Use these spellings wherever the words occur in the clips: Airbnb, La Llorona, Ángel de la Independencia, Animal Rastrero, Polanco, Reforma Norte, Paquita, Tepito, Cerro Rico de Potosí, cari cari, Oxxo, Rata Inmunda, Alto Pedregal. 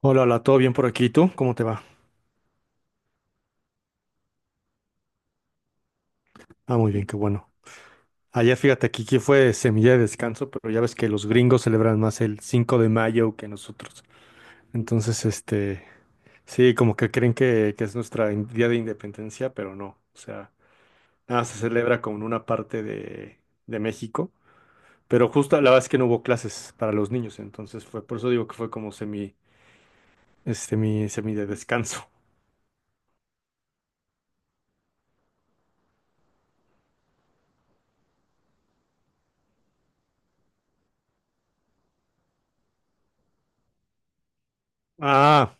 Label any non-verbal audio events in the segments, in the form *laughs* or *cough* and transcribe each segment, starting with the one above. Hola, hola, ¿todo bien por aquí? ¿Y tú? ¿Cómo te va? Ah, muy bien, qué bueno. Ayer fíjate, aquí fue semilla de descanso, pero ya ves que los gringos celebran más el 5 de mayo que nosotros. Entonces, sí, como que creen que es nuestra día de independencia, pero no. O sea, nada, se celebra como en una parte de México, pero justo la verdad es que no hubo clases para los niños, entonces fue, por eso digo que fue como semi de descanso. Ah,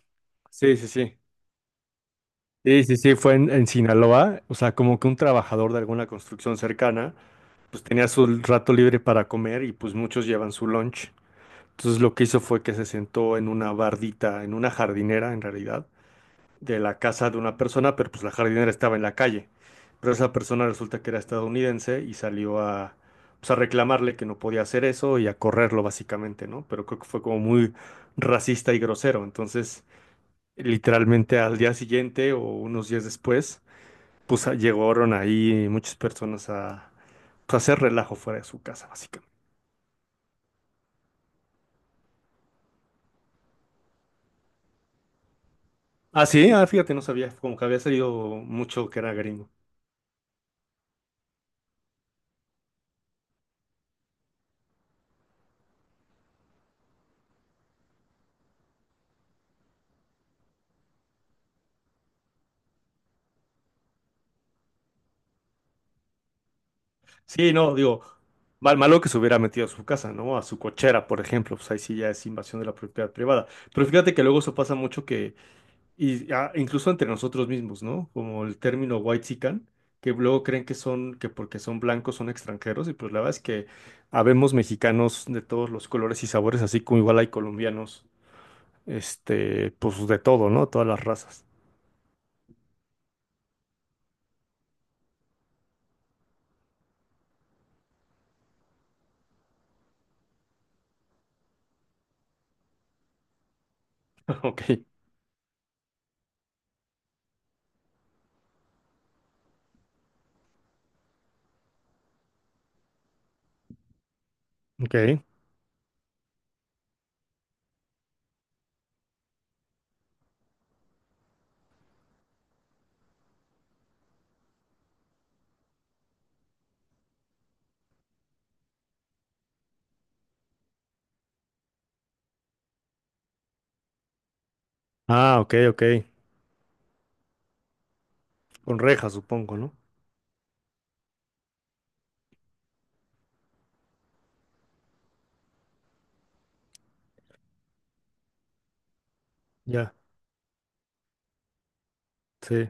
sí, sí, sí. Sí, sí, sí, fue en Sinaloa, o sea, como que un trabajador de alguna construcción cercana, pues tenía su rato libre para comer y pues muchos llevan su lunch. Entonces lo que hizo fue que se sentó en una bardita, en una jardinera en realidad, de la casa de una persona, pero pues la jardinera estaba en la calle. Pero esa persona resulta que era estadounidense y salió a, pues, a reclamarle que no podía hacer eso y a correrlo básicamente, ¿no? Pero creo que fue como muy racista y grosero. Entonces, literalmente al día siguiente o unos días después, pues llegaron ahí muchas personas a pues, hacer relajo fuera de su casa, básicamente. Ah, sí, ah, fíjate, no sabía, como que había salido mucho que era gringo. Sí, no, digo, malo que se hubiera metido a su casa, ¿no? A su cochera, por ejemplo, pues ahí sí ya es invasión de la propiedad privada. Pero fíjate que luego eso pasa mucho que, y, ah, incluso entre nosotros mismos, ¿no? Como el término whitexican, que luego creen que son, que porque son blancos son extranjeros, y pues la verdad es que habemos mexicanos de todos los colores y sabores, así como igual hay colombianos pues de todo, ¿no? Todas las razas. *laughs* Ok. Ok. Ah, ok, ok. Con rejas, supongo, ¿no? Ya, sí,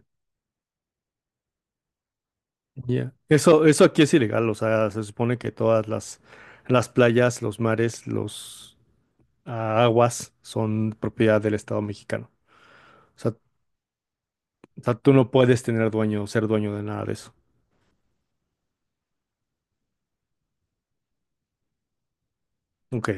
ya. Eso aquí es ilegal, o sea, se supone que todas las playas, los mares, aguas son propiedad del Estado mexicano. O sea, tú no puedes tener dueño, ser dueño de nada de eso. Ok,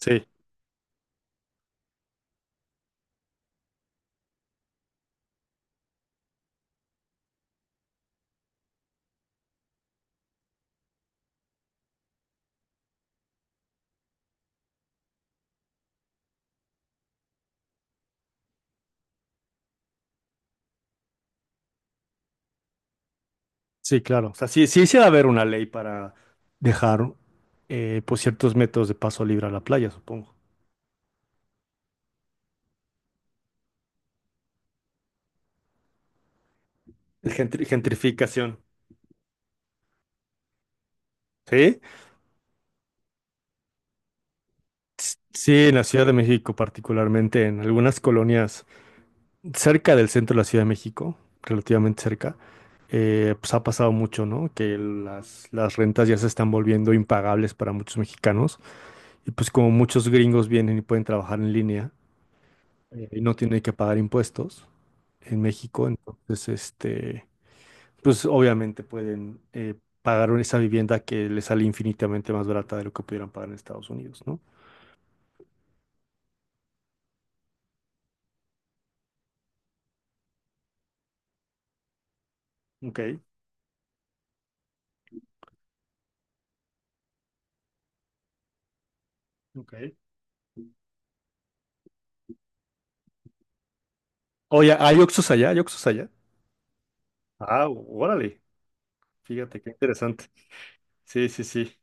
sí, sí, claro. O sea, sí, sí, sí debe haber una ley para dejar, pues, ciertos métodos de paso libre a la playa, supongo. Gentrificación. Sí, sí, en la Ciudad de México, particularmente en algunas colonias cerca del centro de la Ciudad de México, relativamente cerca, pues ha pasado mucho, ¿no? Que las rentas ya se están volviendo impagables para muchos mexicanos y pues como muchos gringos vienen y pueden trabajar en línea y no tienen que pagar impuestos en México, entonces, pues obviamente pueden pagar esa vivienda que les sale infinitamente más barata de lo que pudieran pagar en Estados Unidos, ¿no? Ok, ok. Oye, ¿hay Oxxos allá? ¿Hay Oxxos allá? Ah, órale. Fíjate, qué interesante. Sí, sí, sí.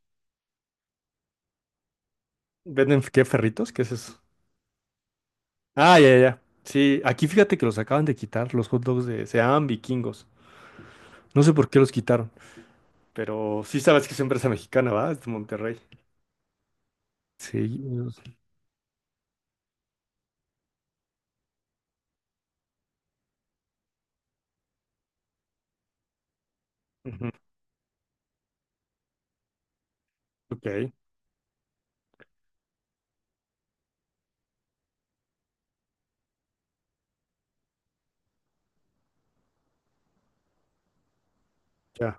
¿Venden qué ferritos? ¿Qué es eso? Ah, ya, ya. Ya. Sí, aquí fíjate que los acaban de quitar, los hot dogs Se llaman vikingos. No sé por qué los quitaron, pero sí sabes que es empresa mexicana, ¿va? Es de Monterrey. Sí, no sé. Ujú, ok, ya.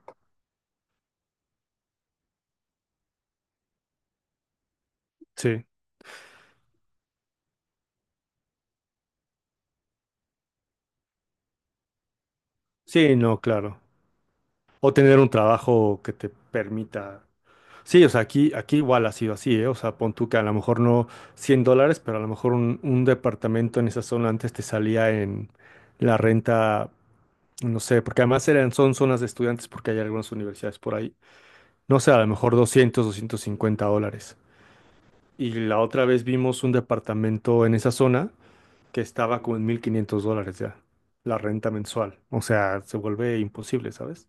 Sí, sí, no, claro. O tener un trabajo que te permita. Sí, o sea, aquí igual ha sido así, ¿eh? O sea, pon tú que a lo mejor no 100 dólares, pero a lo mejor un departamento en esa zona antes te salía en la renta, no sé, porque además eran, son zonas de estudiantes porque hay algunas universidades por ahí. No sé, a lo mejor 200, 250 dólares. Y la otra vez vimos un departamento en esa zona que estaba como en 1,500 dólares ya, la renta mensual. O sea, se vuelve imposible, ¿sabes?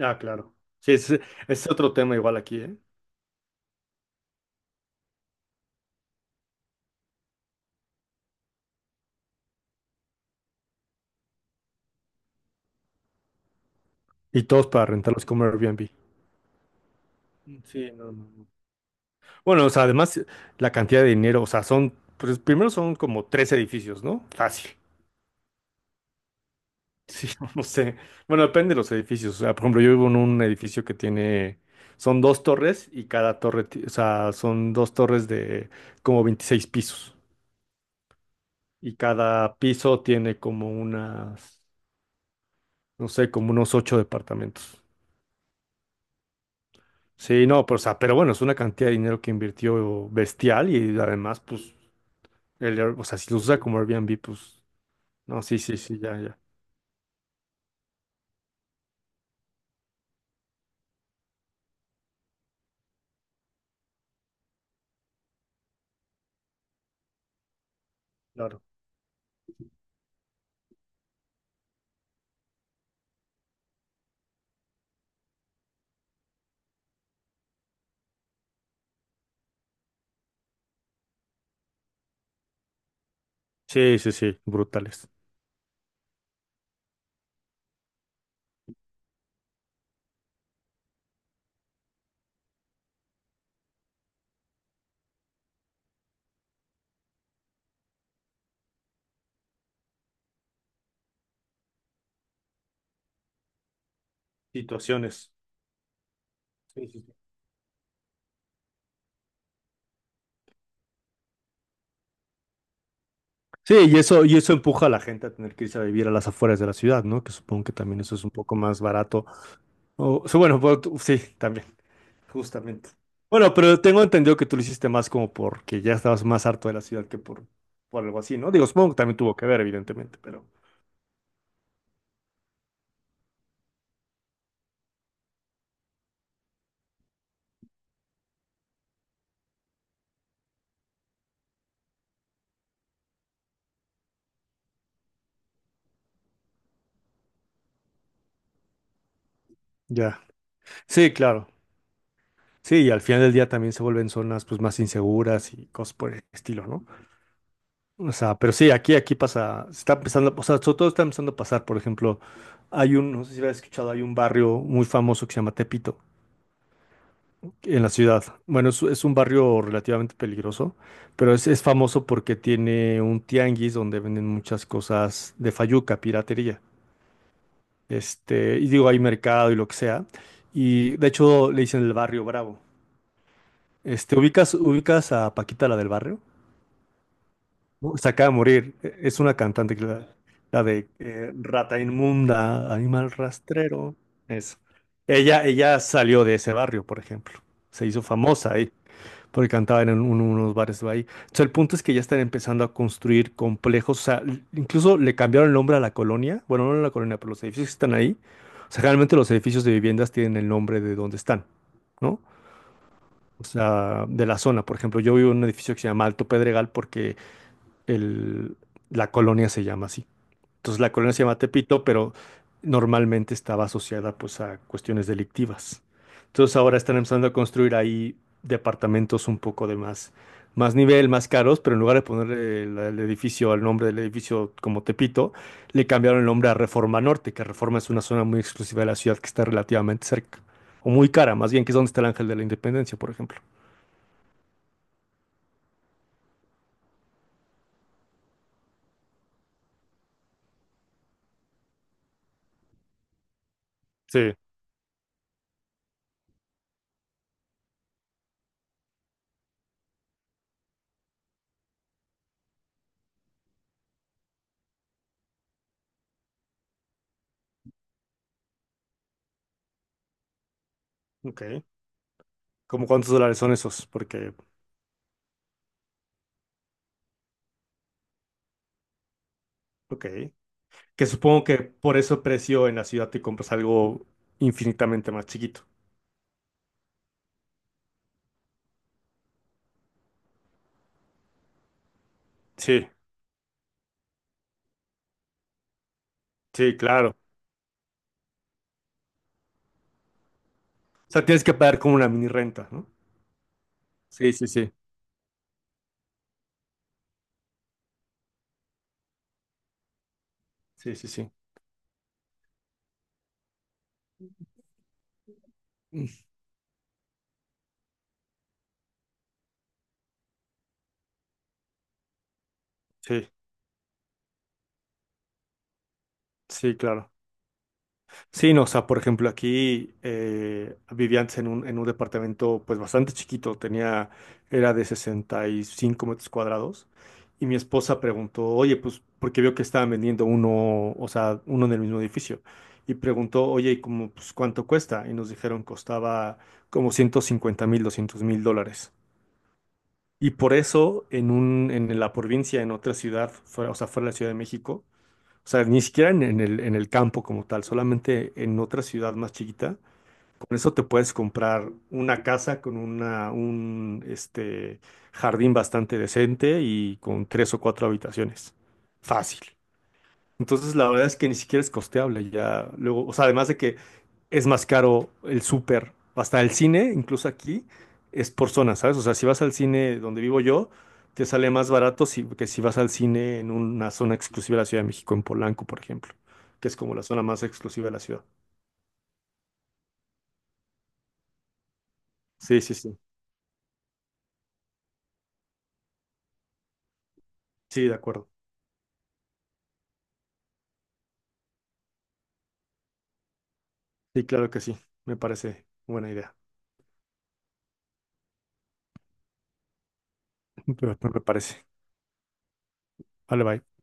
Ah, claro. Sí, es otro tema igual aquí, ¿eh? Y todos para rentarlos como Airbnb. Sí, no, no, no. Bueno, o sea, además la cantidad de dinero, o sea, son, pues primero son como tres edificios, ¿no? Fácil. Sí, *laughs* no sé. Bueno, depende de los edificios. O sea, por ejemplo, yo vivo en un edificio que tiene, son dos torres y cada torre, o sea, son dos torres de como 26 pisos y cada piso tiene como unas, no sé, como unos ocho departamentos. Sí, no, pero, o sea, pero bueno, es una cantidad de dinero que invirtió bestial y además, pues, el o sea, si lo usa como Airbnb, pues. No, sí, sí, sí, ya, ya. Claro. Sí, sí, sí, brutales. Situaciones. Sí, sí, sí. Sí, y eso empuja a la gente a tener que irse a vivir a las afueras de la ciudad, ¿no? Que supongo que también eso es un poco más barato. O sea, bueno, bueno, sí, también, justamente. Bueno, pero tengo entendido que tú lo hiciste más como porque ya estabas más harto de la ciudad que por algo así, ¿no? Digo, supongo que también tuvo que ver, evidentemente, pero ya. Sí, claro. Sí, y al final del día también se vuelven zonas pues más inseguras y cosas por el estilo, ¿no? O sea, pero sí, aquí pasa, se está empezando, o sea, sobre todo está empezando a pasar, por ejemplo, hay un, no sé si habéis escuchado, hay un barrio muy famoso que se llama Tepito, en la ciudad. Bueno, es un barrio relativamente peligroso, pero es famoso porque tiene un tianguis donde venden muchas cosas de fayuca, piratería. Este, y digo, hay mercado y lo que sea. Y de hecho le dicen el barrio Bravo. Este, ¿ubicas a Paquita, la del barrio? ¿No? Se acaba de morir. Es una cantante, que la de Rata Inmunda, Animal Rastrero. Eso. Ella salió de ese barrio, por ejemplo. Se hizo famosa ahí, porque cantaba en unos bares de ahí. Entonces, el punto es que ya están empezando a construir complejos. O sea, incluso le cambiaron el nombre a la colonia. Bueno, no a la colonia, pero los edificios que están ahí. O sea, generalmente los edificios de viviendas tienen el nombre de donde están, ¿no? O sea, de la zona. Por ejemplo, yo vivo en un edificio que se llama Alto Pedregal porque el- la colonia se llama así. Entonces la colonia se llama Tepito, pero normalmente estaba asociada pues a cuestiones delictivas. Entonces ahora están empezando a construir ahí departamentos un poco de más, más nivel, más caros, pero en lugar de poner el edificio, el nombre del edificio como Tepito, le cambiaron el nombre a Reforma Norte, que Reforma es una zona muy exclusiva de la ciudad que está relativamente cerca, o muy cara, más bien, que es donde está el Ángel de la Independencia, por ejemplo. Sí. Ok. ¿Cómo cuántos dólares son esos? Porque, ok. Que supongo que por eso el precio en la ciudad te compras algo infinitamente más chiquito. Sí, sí, claro. O sea, tienes que pagar como una mini renta, ¿no? Sí, sí, sí. Sí, sí, sí. Mm. Sí, sí, claro. Sí, no, o sea, por ejemplo, aquí vivía antes en un, departamento pues bastante chiquito, tenía, era de 65 metros cuadrados, y mi esposa preguntó, oye, pues, porque vio que estaban vendiendo uno, o sea, uno en el mismo edificio, y preguntó, oye, ¿y como, pues, cuánto cuesta? Y nos dijeron, costaba como 150,000, 200,000 dólares. Y por eso, en un, en la provincia, en otra ciudad, fuera, o sea, fuera de la Ciudad de México, o sea, ni siquiera en el campo como tal, solamente en otra ciudad más chiquita. Con eso te puedes comprar una casa con un jardín bastante decente y con tres o cuatro habitaciones. Fácil. Entonces, la verdad es que ni siquiera es costeable ya. Luego, o sea, además de que es más caro el súper, hasta el cine, incluso aquí, es por zona, ¿sabes? O sea, si vas al cine donde vivo yo, te sale más barato que si vas al cine en una zona exclusiva de la Ciudad de México, en Polanco, por ejemplo, que es como la zona más exclusiva de la ciudad. Sí, sí, sí. Sí, de acuerdo. Sí, claro que sí. Me parece buena idea. *laughs* Me parece. Vale, bye.